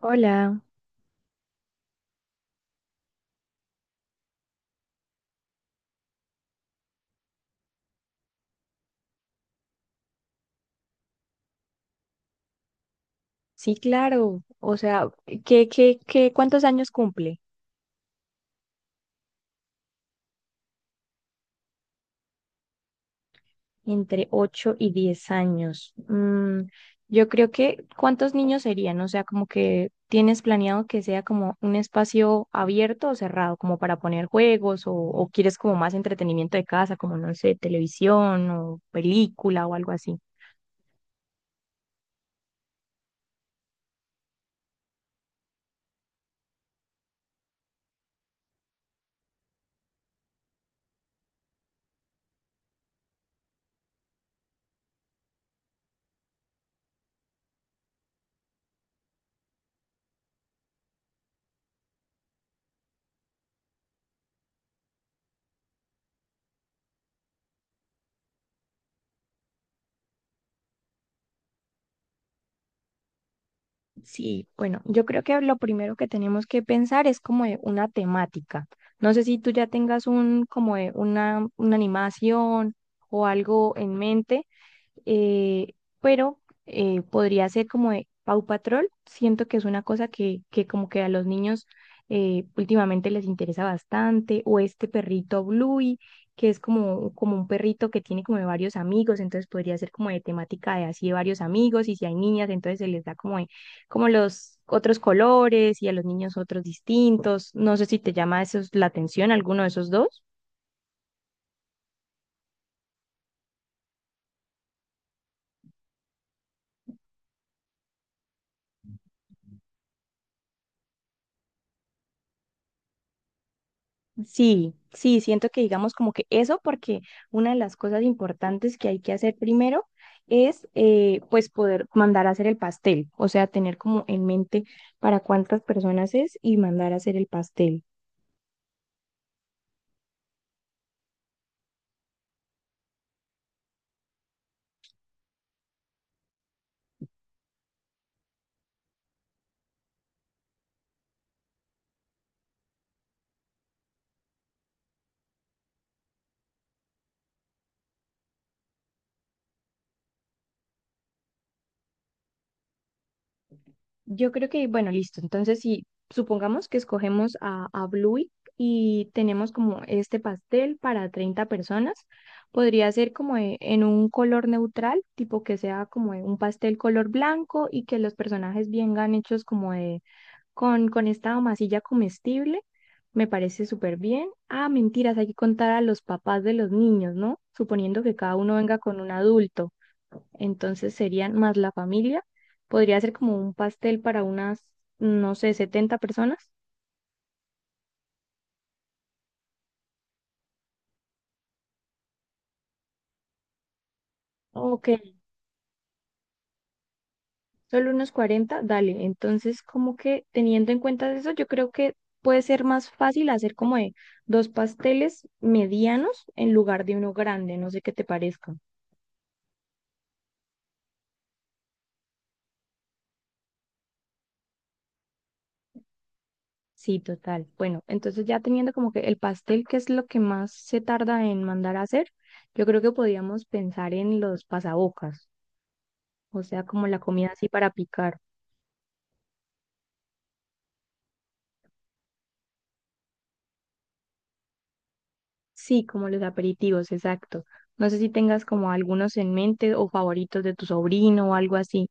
Hola, sí, claro. O sea, ¿ cuántos años cumple? Entre 8 y 10 años. Yo creo que, ¿cuántos niños serían? O sea, como que tienes planeado que sea como un espacio abierto o cerrado, como para poner juegos o quieres como más entretenimiento de casa, como no sé, televisión o película o algo así. Sí, bueno, yo creo que lo primero que tenemos que pensar es como de una temática. No sé si tú ya tengas un como de una animación o algo en mente, eh, pero podría ser como de Paw Patrol. Siento que es una cosa que como que a los niños últimamente les interesa bastante, o este perrito Bluey, que es como, como un perrito que tiene como de varios amigos, entonces podría ser como de temática de así de varios amigos, y si hay niñas, entonces se les da como, como los otros colores y a los niños otros distintos. No sé si te llama eso la atención, alguno de esos dos. Sí, sí, siento que digamos como que eso, porque una de las cosas importantes que hay que hacer primero es pues poder mandar a hacer el pastel, o sea, tener como en mente para cuántas personas es y mandar a hacer el pastel. Yo creo que, bueno, listo, entonces si supongamos que escogemos a Bluey y tenemos como este pastel para 30 personas, podría ser como en un color neutral, tipo que sea como un pastel color blanco y que los personajes vengan hechos como de con esta masilla comestible. Me parece súper bien. Ah, mentiras, hay que contar a los papás de los niños, ¿no? Suponiendo que cada uno venga con un adulto. Entonces serían más la familia. Podría ser como un pastel para unas, no sé, 70 personas. Ok, solo unos 40, dale. Entonces, como que teniendo en cuenta eso, yo creo que puede ser más fácil hacer como de dos pasteles medianos en lugar de uno grande. No sé qué te parezca. Sí, total. Bueno, entonces ya teniendo como que el pastel, que es lo que más se tarda en mandar a hacer, yo creo que podíamos pensar en los pasabocas, o sea, como la comida así para picar. Sí, como los aperitivos, exacto. No sé si tengas como algunos en mente o favoritos de tu sobrino o algo así.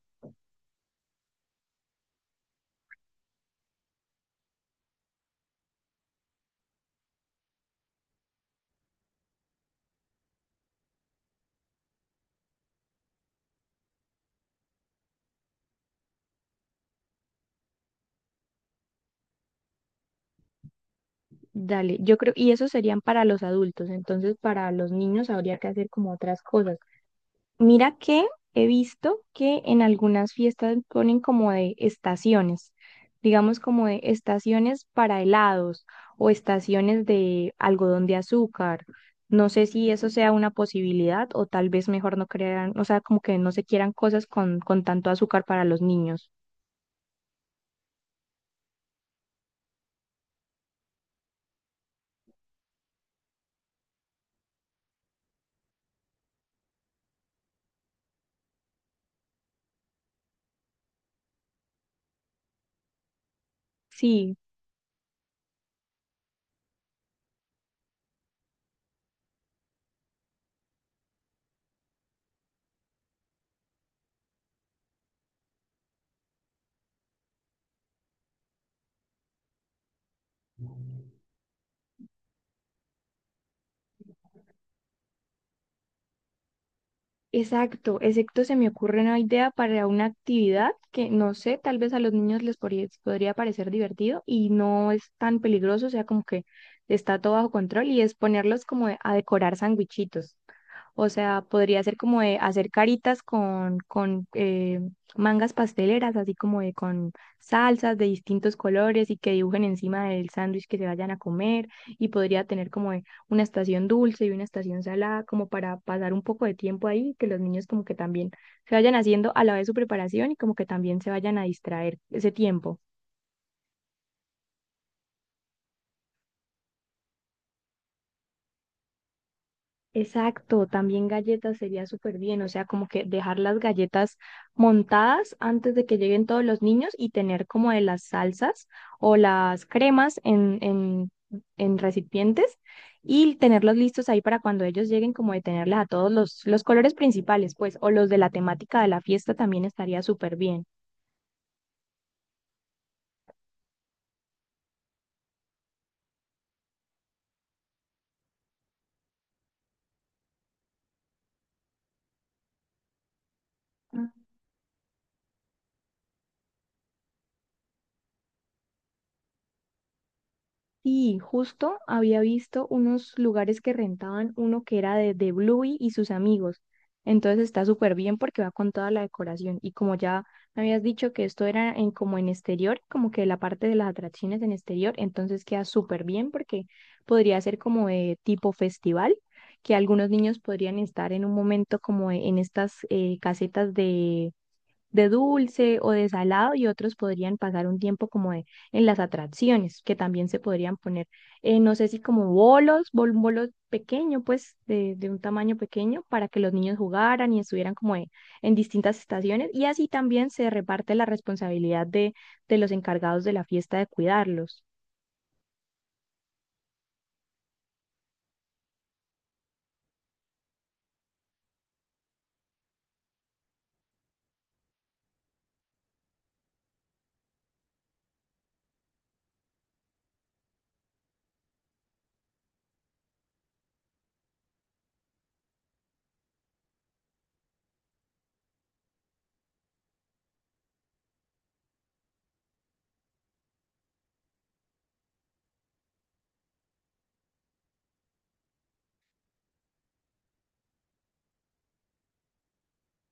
Dale, yo creo, y esos serían para los adultos, entonces para los niños habría que hacer como otras cosas. Mira que he visto que en algunas fiestas ponen como de estaciones, digamos como de estaciones para helados o estaciones de algodón de azúcar. No sé si eso sea una posibilidad o tal vez mejor no crean, o sea, como que no se quieran cosas con tanto azúcar para los niños. Sí, exacto, exacto, se me ocurre una idea para una actividad que no sé, tal vez a los niños les podría parecer divertido y no es tan peligroso, o sea, como que está todo bajo control y es ponerlos como a decorar sandwichitos. O sea, podría ser como de hacer caritas con mangas pasteleras, así como de con salsas de distintos colores y que dibujen encima del sándwich que se vayan a comer. Y podría tener como de una estación dulce y una estación salada, como para pasar un poco de tiempo ahí, que los niños como que también se vayan haciendo a la vez su preparación y como que también se vayan a distraer ese tiempo. Exacto, también galletas sería súper bien, o sea, como que dejar las galletas montadas antes de que lleguen todos los niños y tener como de las salsas o las cremas en recipientes y tenerlos listos ahí para cuando ellos lleguen, como de tenerles a todos los colores principales, pues, o los de la temática de la fiesta también estaría súper bien. Sí, justo había visto unos lugares que rentaban uno que era de Bluey y sus amigos. Entonces está súper bien porque va con toda la decoración. Y como ya me habías dicho que esto era en como en exterior, como que la parte de las atracciones en exterior, entonces queda súper bien porque podría ser como de tipo festival, que algunos niños podrían estar en un momento como en estas casetas de dulce o de salado y otros podrían pasar un tiempo como en las atracciones, que también se podrían poner, no sé si como bolos, un bolo pequeño, pues de un tamaño pequeño para que los niños jugaran y estuvieran como en distintas estaciones y así también se reparte la responsabilidad de los encargados de la fiesta de cuidarlos.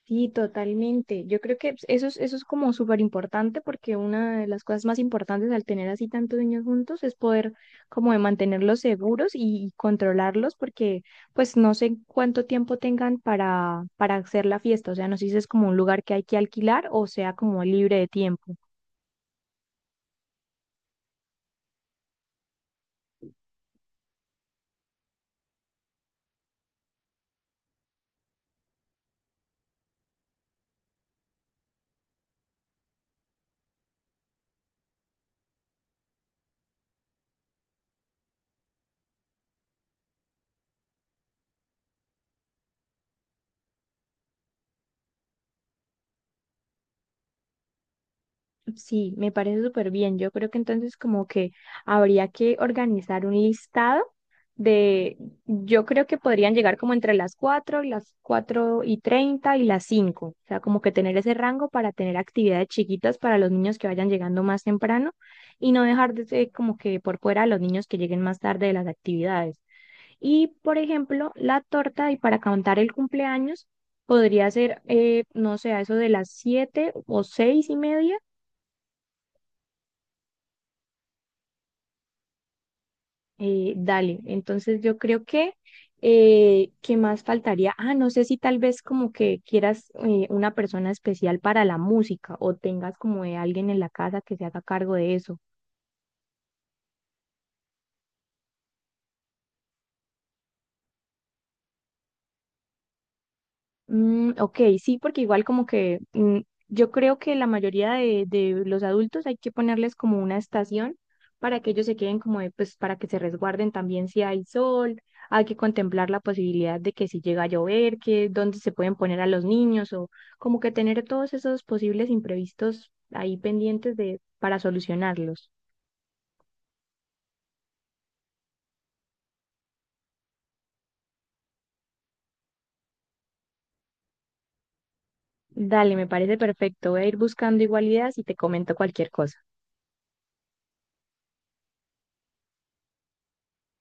Sí, totalmente. Yo creo que pues, eso es como súper importante porque una de las cosas más importantes al tener así tantos niños juntos es poder como de mantenerlos seguros y controlarlos porque pues no sé cuánto tiempo tengan para hacer la fiesta. O sea, no sé si es como un lugar que hay que alquilar o sea como libre de tiempo. Sí, me parece súper bien. Yo creo que entonces como que habría que organizar un listado de, yo creo que podrían llegar como entre las 4:30 y las 5. O sea, como que tener ese rango para tener actividades chiquitas para los niños que vayan llegando más temprano y no dejar de ser como que por fuera a los niños que lleguen más tarde de las actividades. Y, por ejemplo, la torta y para contar el cumpleaños podría ser, no sé, a eso de las 7 o 6:30. Dale, entonces yo creo que, ¿qué más faltaría? Ah, no sé si tal vez como que quieras una persona especial para la música o tengas como de alguien en la casa que se haga cargo de eso. Mm, ok, sí, porque igual como que yo creo que la mayoría de los adultos hay que ponerles como una estación para que ellos se queden como, de, pues para que se resguarden también si hay sol, hay que contemplar la posibilidad de que si llega a llover, que dónde se pueden poner a los niños o como que tener todos esos posibles imprevistos ahí pendientes de para solucionarlos. Dale, me parece perfecto. Voy a ir buscando igual ideas y te comento cualquier cosa.